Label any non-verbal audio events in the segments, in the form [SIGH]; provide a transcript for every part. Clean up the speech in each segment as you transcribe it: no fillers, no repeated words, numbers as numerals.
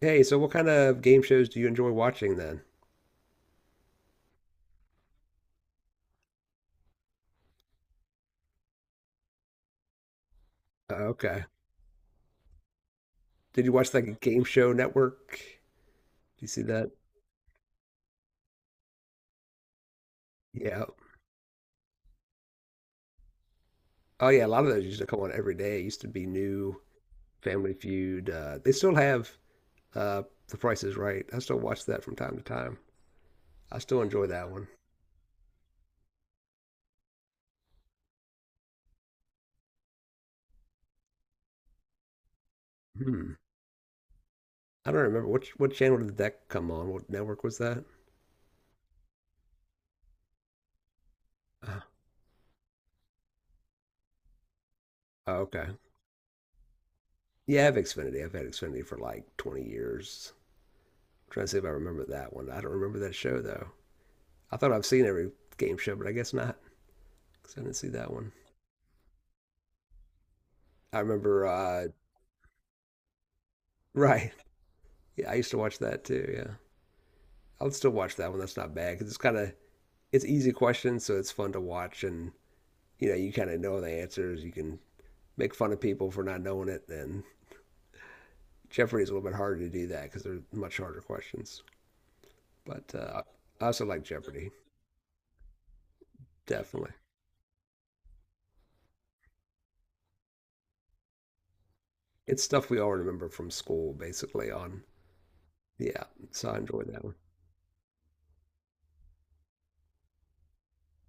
Hey, so what kind of game shows do you enjoy watching then? Okay. Did you watch like Game Show Network? Do you see that? Yeah. Oh yeah, a lot of those used to come on every day. It used to be new, Family Feud. They still have uh, The Price is Right. I still watch that from time to time. I still enjoy that one. Hmm. I don't remember which. What channel did that come on? What network was that? Uh, oh, okay. Yeah, I have Xfinity. I've had Xfinity for like 20 years. I'm trying to see if I remember that one. I don't remember that show though. I thought I've seen every game show, but I guess not because I didn't see that one. I remember, [LAUGHS] right? Yeah, I used to watch that too. Yeah, I'll still watch that one. That's not bad because it's kind of it's easy questions, so it's fun to watch, and you know you kind of know the answers. You can make fun of people for not knowing it. And Jeopardy is a little bit harder to do that because they're much harder questions. But I also like Jeopardy, definitely. It's stuff we all remember from school, basically. On yeah, so I enjoy that one.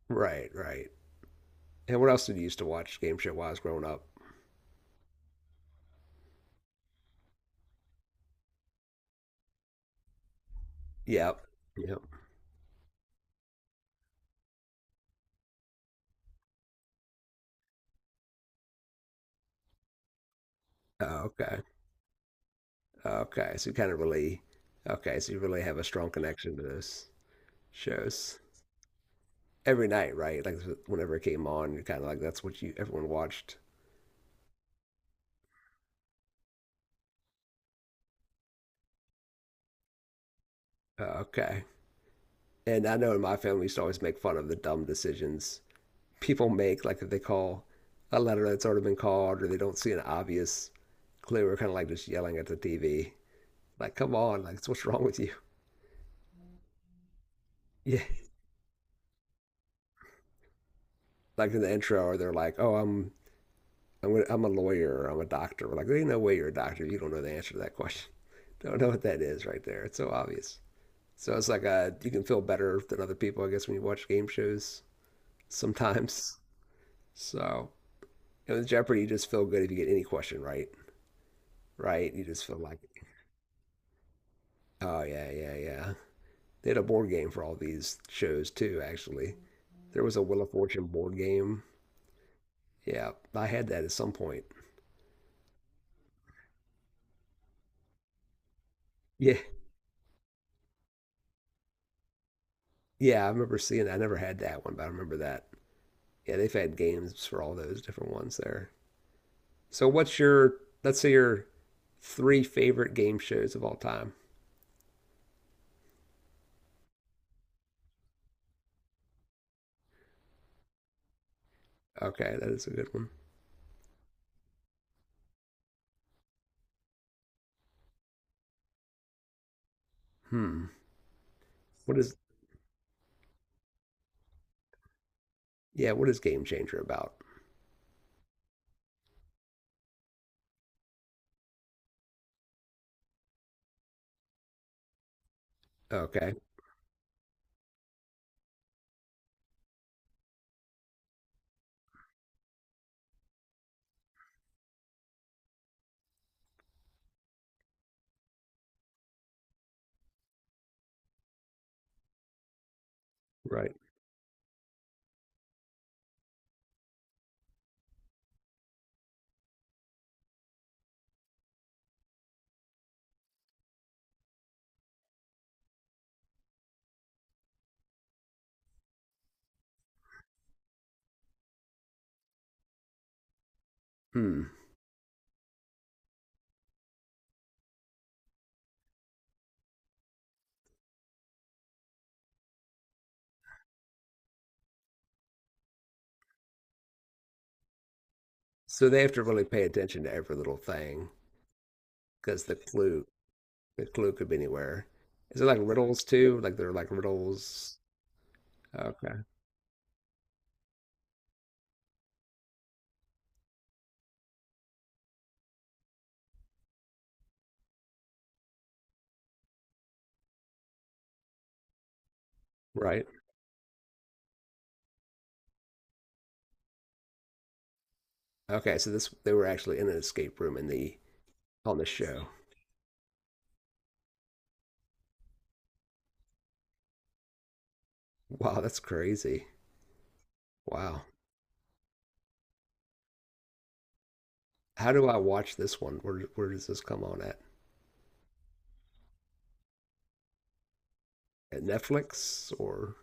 Right, right. And what else did you used to watch game show wise growing up? Yep. Yep. Oh, okay. Okay. So you kind of really, okay. So you really have a strong connection to those shows every night, right? Like so whenever it came on, you're kind of like, that's what you, everyone watched. Oh, okay. And I know in my family, we used to always make fun of the dumb decisions people make, like if they call a letter that's already been called or they don't see an obvious clue, we're kind of like just yelling at the TV, like, come on, like, what's wrong with you? [LAUGHS] Yeah. Like in the intro, or they're like, oh, I'm a lawyer or I'm a doctor. We're like, there ain't no way you're a doctor. You don't know the answer to that question. [LAUGHS] Don't know what that is right there. It's so obvious. So it's like you can feel better than other people, I guess, when you watch game shows sometimes. [LAUGHS] So you know, with Jeopardy, you just feel good if you get any question right, right? You just feel like, oh yeah, yeah, yeah. They had a board game for all these shows too, actually. There was a Wheel of Fortune board game. Yeah, I had that at some point. Yeah, yeah, I remember seeing that. I never had that one, but I remember that. Yeah, they've had games for all those different ones there. So what's your let's say your three favorite game shows of all time? Okay, that is a good one. Hmm. What is yeah, what is Game Changer about? Okay, right. Hmm. So they have to really pay attention to every little thing because the clue could be anywhere. Is it like riddles too? Like they're like riddles. Okay. Right. Okay, so this they were actually in an escape room in the on the show. Wow, that's crazy. Wow. How do I watch this one? Where does this come on at? At Netflix or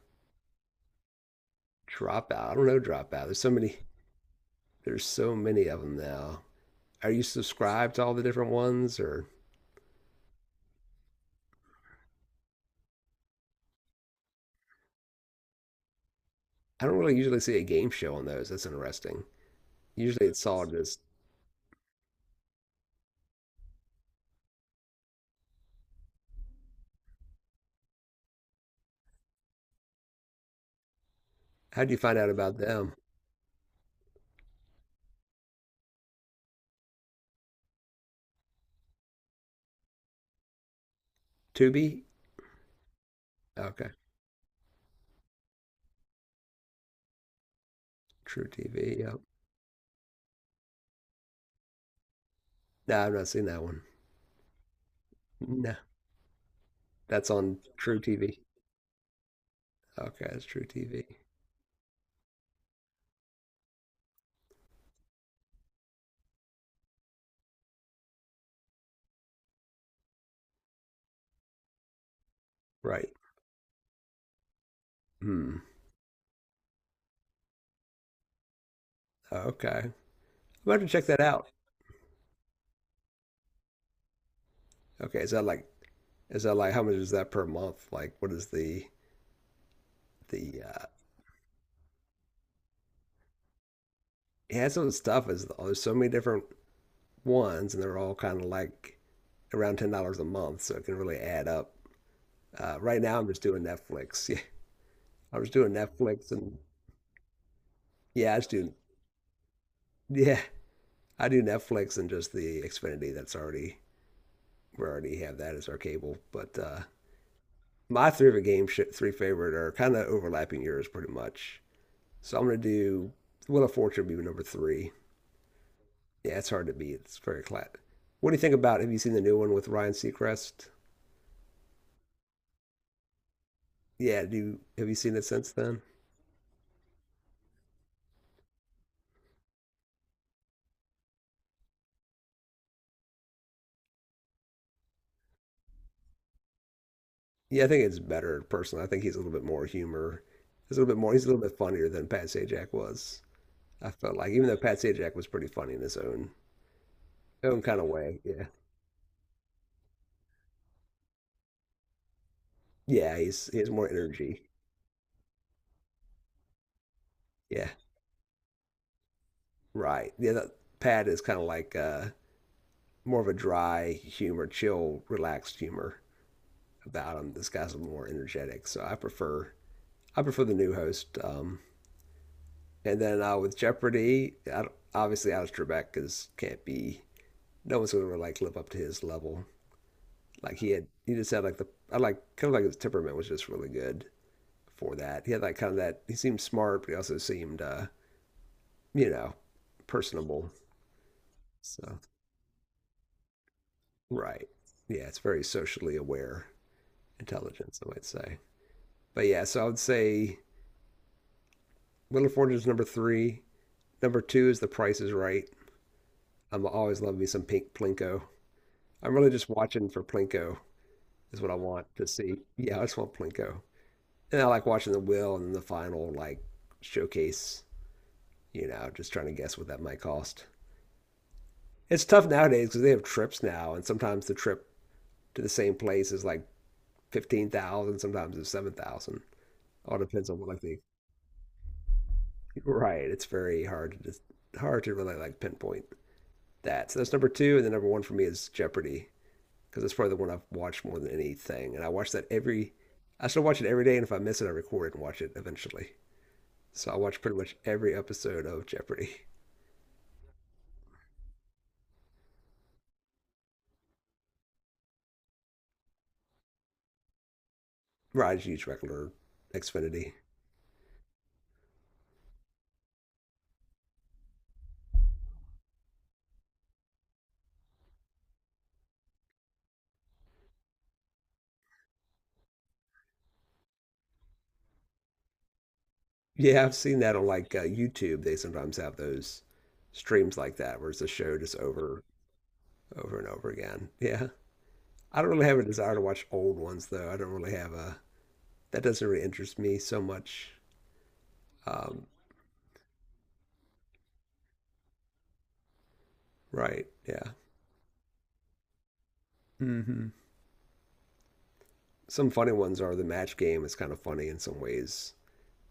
Dropout? I don't know Dropout. There's so many. There's so many of them now. Are you subscribed to all the different ones, or I don't really usually see a game show on those. That's interesting. Usually it's all just. How do you find out about them? Tubi? Okay, True TV. Yep. No, I've not seen that one. No, that's on True TV. Okay, it's True TV. Right. Hmm. Okay. I'm about to check that out. Okay, is that like how much is that per month? Like what is the he has some stuff is oh, there's so many different ones and they're all kind of like around $10 a month, so it can really add up. Right now I'm just doing Netflix. [LAUGHS] Yeah. I was doing Netflix and yeah, I just do yeah, I do Netflix and just the Xfinity that's already we already have that as our cable. But my three of a game sh three favorite are kind of overlapping yours pretty much. So I'm gonna do Wheel of Fortune would be number three. Yeah, it's hard to beat. It's very flat. What do you think about? Have you seen the new one with Ryan Seacrest? Yeah, have you seen it since then? Yeah, I think it's better personally. I think he's a little bit more humor. He's a little bit more. He's a little bit funnier than Pat Sajak was. I felt like, even though Pat Sajak was pretty funny in his own kind of way. Yeah, yeah, he has more energy. Yeah, right. Pat is kind of like more of a dry humor, chill, relaxed humor about him. This guy's a little more energetic, so I prefer the new host. And then with Jeopardy, I obviously Alex Trebek is can't be. No one's gonna really, like live up to his level. He just had like the I like kind of like his temperament was just really good for that. He had like kind of that. He seemed smart, but he also seemed, you know, personable. So right, yeah, it's very socially aware intelligence, I might say. But yeah, so I would say Wheel of Fortune is number three. Number two is The Price is Right. I'm always love me some pink Plinko. I'm really just watching for Plinko is what I want to see. Yeah, I just want Plinko. And I like watching the will and the final like showcase. You know, just trying to guess what that might cost. It's tough nowadays because they have trips now, and sometimes the trip to the same place is like 15,000, sometimes it's 7,000. All depends on what like the right. It's very hard to really like pinpoint that. So that's number two, and then number one for me is Jeopardy because it's probably the one I've watched more than anything, and I watch that every. I still watch it every day, and if I miss it, I record it and watch it eventually. So I watch pretty much every episode of Jeopardy. [LAUGHS] Rod's huge regular Xfinity. Yeah, I've seen that on like YouTube. They sometimes have those streams like that where it's a show just over, over and over again. Yeah. I don't really have a desire to watch old ones though. I don't really have a, that doesn't really interest me so much. Um, right. Yeah. Hmm. Some funny ones are the match game is kind of funny in some ways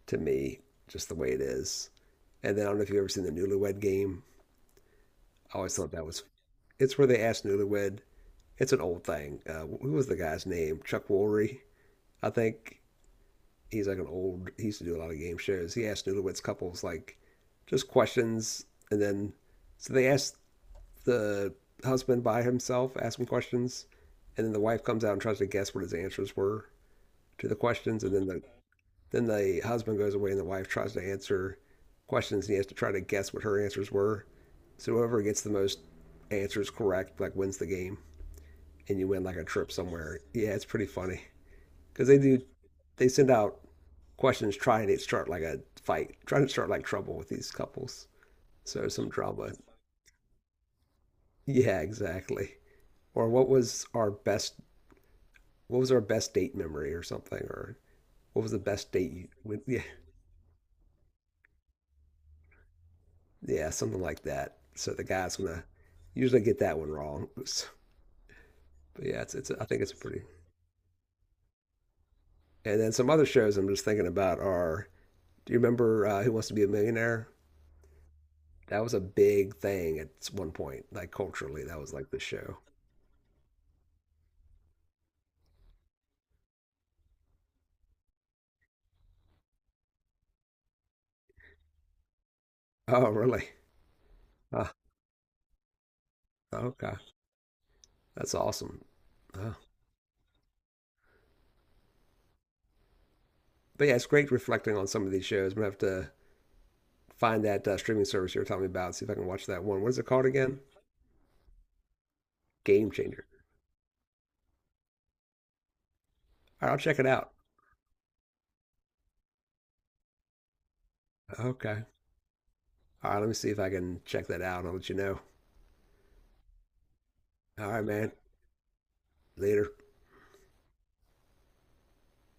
to me, just the way it is. And then I don't know if you've ever seen the Newlywed Game. Oh, I always thought that was. It's where they asked Newlywed. It's an old thing. Who was the guy's name? Chuck Woolery, I think. He's like an old. He used to do a lot of game shows. He asked Newlywed's couples like just questions, and then so they asked the husband by himself, asked him questions, and then the wife comes out and tries to guess what his answers were to the questions, and then the husband goes away and the wife tries to answer questions, and he has to try to guess what her answers were. So whoever gets the most answers correct like wins the game. And you win like a trip somewhere. Yeah, it's pretty funny because they send out questions trying to start like a fight, trying to start like trouble with these couples. So some drama. Yeah, exactly. Or what was our best? What was our best date memory or something? Or what was the best date you? Went, [LAUGHS] yeah, yeah, something like that. So the guy's gonna usually get that one wrong. [LAUGHS] But yeah, it's it's. I think it's pretty. And then some other shows I'm just thinking about are. Do you remember Who Wants to Be a Millionaire? That was a big thing at one point, like culturally, that was like the show. [LAUGHS] Oh, really? Ah, okay. That's awesome. Oh. But yeah, it's great reflecting on some of these shows. I'm gonna have to find that streaming service you were telling me about, see if I can watch that one. What is it called again? Game Changer. All right, I'll check it out. Okay. All right, let me see if I can check that out. I'll let you know. All right, man. Later.